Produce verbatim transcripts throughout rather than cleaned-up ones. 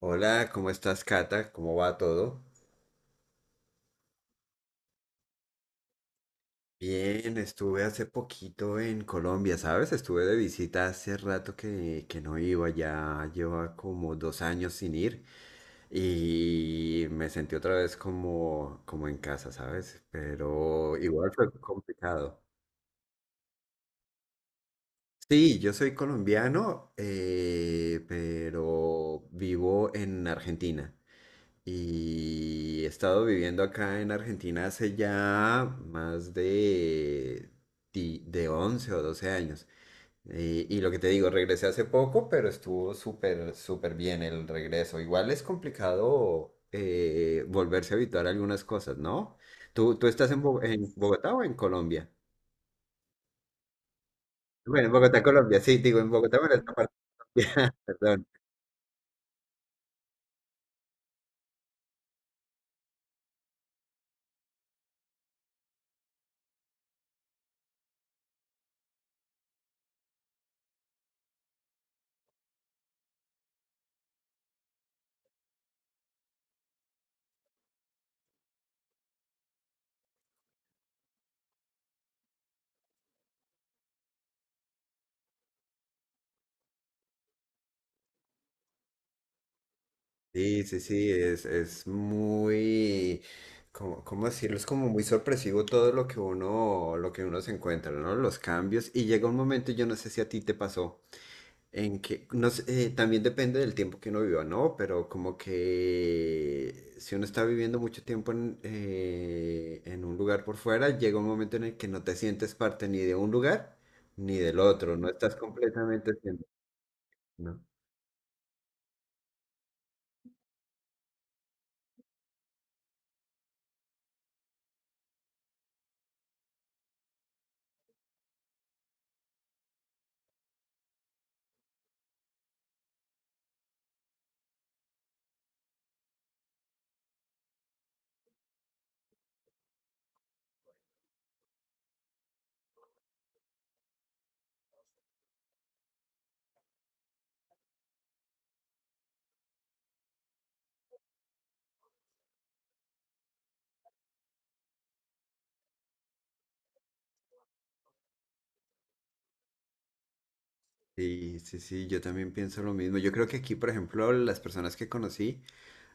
Hola, ¿cómo estás, Cata? ¿Cómo va todo? Bien, estuve hace poquito en Colombia, ¿sabes? Estuve de visita hace rato que, que no iba, ya lleva como dos años sin ir y me sentí otra vez como, como en casa, ¿sabes? Pero igual fue complicado. Sí, yo soy colombiano, eh, pero vivo en Argentina. Y he estado viviendo acá en Argentina hace ya más de, di- de once o doce años. Eh, y lo que te digo, regresé hace poco, pero estuvo súper, súper bien el regreso. Igual es complicado eh, volverse a habituar a algunas cosas, ¿no? ¿Tú, tú estás en, Bo- en Bogotá o en Colombia? Bueno, en Bogotá, Colombia, sí, digo, en Bogotá, bueno, esta parte. Perdón. Sí, sí, sí, es, es muy, ¿cómo, cómo decirlo? Es como muy sorpresivo todo lo que uno, lo que uno se encuentra, ¿no? Los cambios. Y llega un momento, yo no sé si a ti te pasó, en que, no sé, eh, también depende del tiempo que uno viva, ¿no? Pero como que si uno está viviendo mucho tiempo en, eh, en un lugar por fuera, llega un momento en el que no te sientes parte ni de un lugar ni del otro, no estás completamente siendo, ¿no? Sí, sí, sí, yo también pienso lo mismo. Yo creo que aquí, por ejemplo, las personas que conocí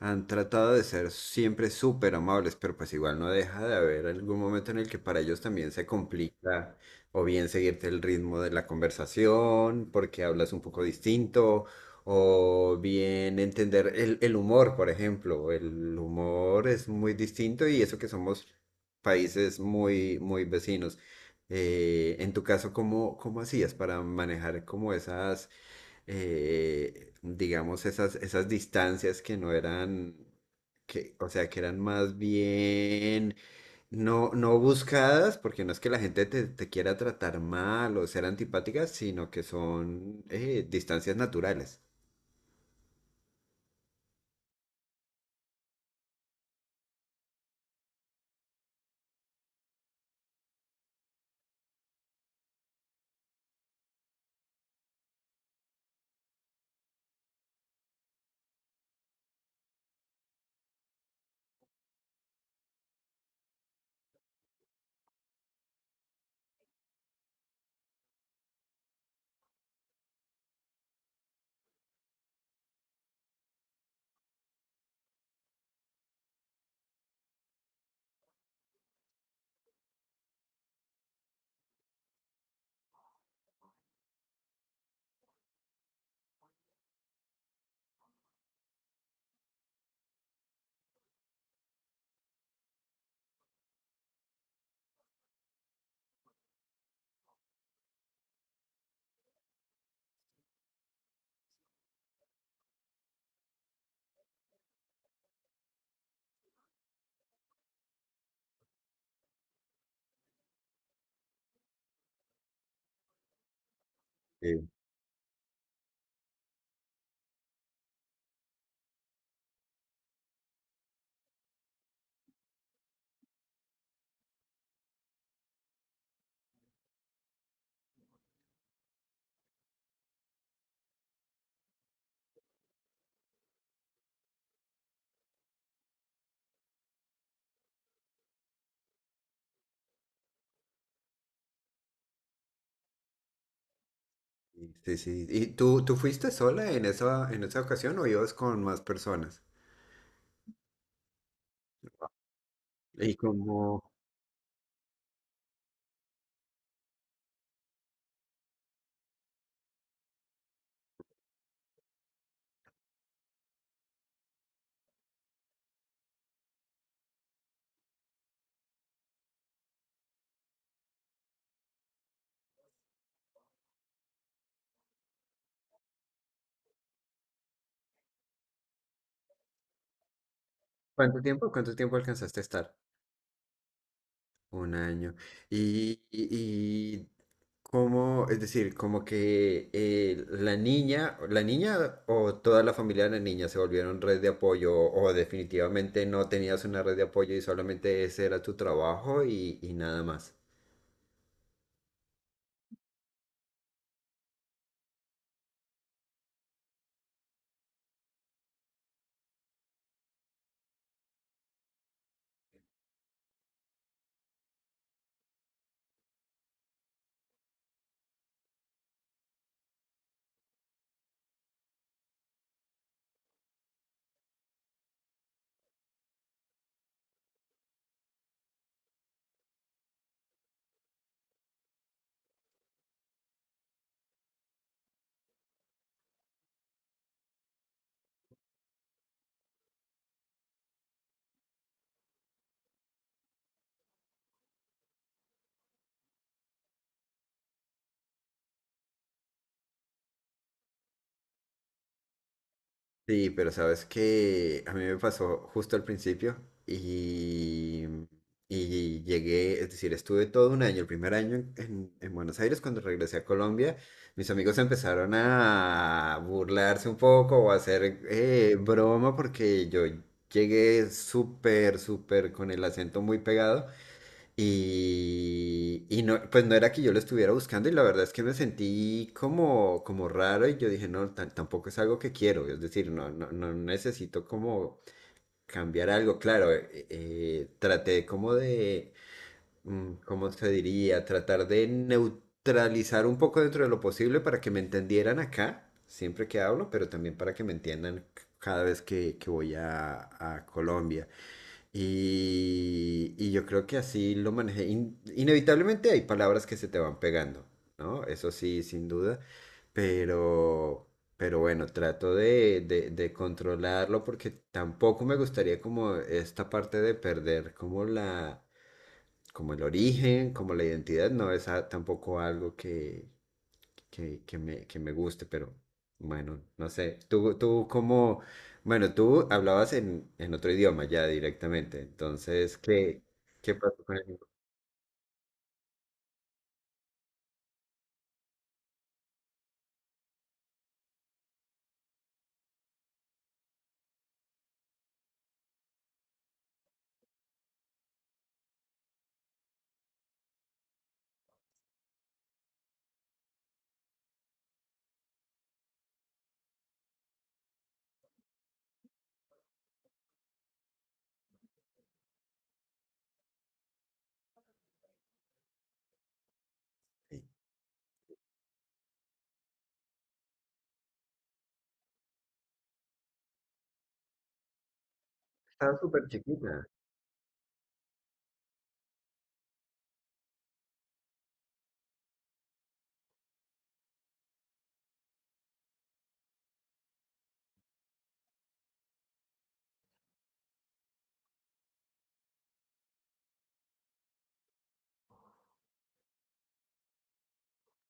han tratado de ser siempre súper amables, pero pues igual no deja de haber algún momento en el que para ellos también se complica o bien seguirte el ritmo de la conversación porque hablas un poco distinto o bien entender el, el humor, por ejemplo. El humor es muy distinto y eso que somos países muy, muy vecinos. Eh, en tu caso, ¿cómo, cómo hacías para manejar como esas eh, digamos, esas, esas distancias que no eran, que, o sea, que eran más bien no, no buscadas, porque no es que la gente te, te quiera tratar mal o ser antipática sino que son eh, distancias naturales. Sí, sí, sí. ¿Y tú, tú fuiste sola en esa, en esa ocasión o ibas con más personas? ¿Y cómo, cuánto tiempo, cuánto tiempo alcanzaste a estar? Un año. Y, y, y cómo, es decir, como que eh, la niña, la niña o toda la familia de la niña se volvieron red de apoyo o definitivamente no tenías una red de apoyo y solamente ese era tu trabajo y, y nada más. Sí, pero sabes que a mí me pasó justo al principio y, y llegué, es decir, estuve todo un año, el primer año en, en- en Buenos Aires, cuando regresé a Colombia, mis amigos empezaron a burlarse un poco o a hacer eh, broma porque yo llegué súper, súper con el acento muy pegado. Y, y no, pues no era que yo lo estuviera buscando y la verdad es que me sentí como, como raro y yo dije, no, tan- tampoco es algo que quiero, es decir, no, no, no necesito como cambiar algo, claro, eh, eh, traté como de, mm, ¿Cómo se diría? Tratar de neutralizar un poco dentro de lo posible para que me entendieran acá, siempre que hablo, pero también para que me entiendan c- cada vez que, que voy a, a Colombia. Y, y yo creo que así lo manejé. In- inevitablemente hay palabras que se te van pegando, ¿no? Eso sí, sin duda. Pero, pero bueno, trato de, de, de controlarlo porque tampoco me gustaría como esta parte de perder como la, como el origen, como la identidad. No es a- tampoco algo que, que, que me, que me guste, pero bueno, no sé. Tú, tú cómo bueno, tú hablabas en, en otro idioma ya directamente, entonces, ¿qué, qué pasó con el inglés? Estaba súper chiquita.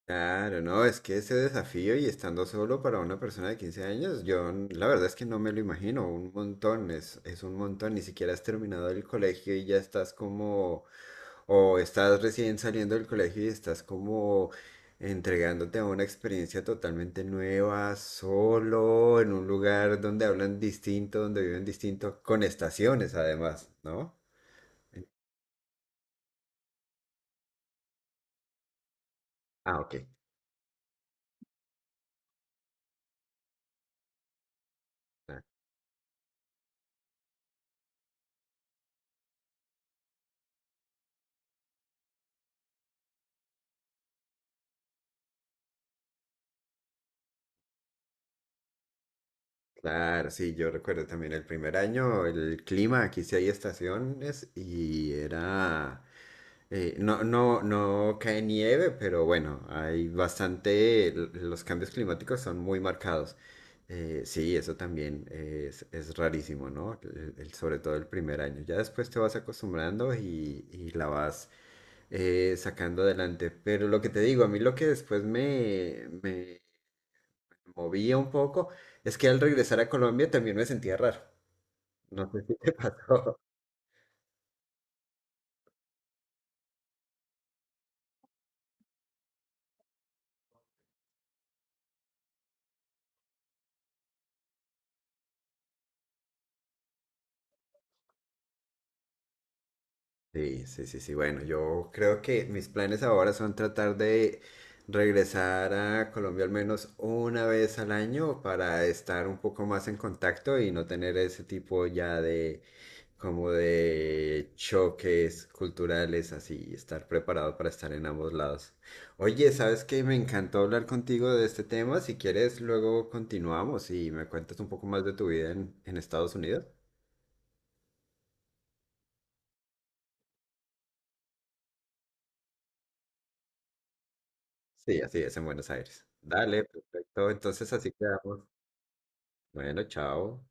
Claro, no, es que ese desafío y estando solo para una persona de quince años, yo n- la verdad es que no me lo imagino, un montón, es, es un montón, ni siquiera has terminado el colegio y ya estás como o estás recién saliendo del colegio y estás como entregándote a una experiencia totalmente nueva, solo, en un lugar donde hablan distinto, donde viven distinto, con estaciones además, ¿no? Ah, ok. Claro, sí, yo recuerdo también el primer año, el clima, aquí sí hay estaciones y era, eh, no, no, no cae nieve, pero bueno, hay bastante, l- los cambios climáticos son muy marcados. Eh, sí, eso también es, es rarísimo, ¿no? El- el- sobre todo el primer año. Ya después te vas acostumbrando y, y la vas eh, sacando adelante. Pero lo que te digo, a mí lo que después me, me movía un poco. Es que al regresar a Colombia también me sentía raro. No sé si te pasó. Sí, sí, sí, sí. Bueno, yo creo que mis planes ahora son tratar de regresar a Colombia al menos una vez al año para estar un poco más en contacto y no tener ese tipo ya de como de choques culturales así, y estar preparado para estar en ambos lados. Oye, ¿sabes qué? Me encantó hablar contigo de este tema. Si quieres, luego continuamos y me cuentas un poco más de tu vida en, en Estados Unidos. Sí, así es en Buenos Aires. Dale, perfecto. Entonces así quedamos. Bueno, chao.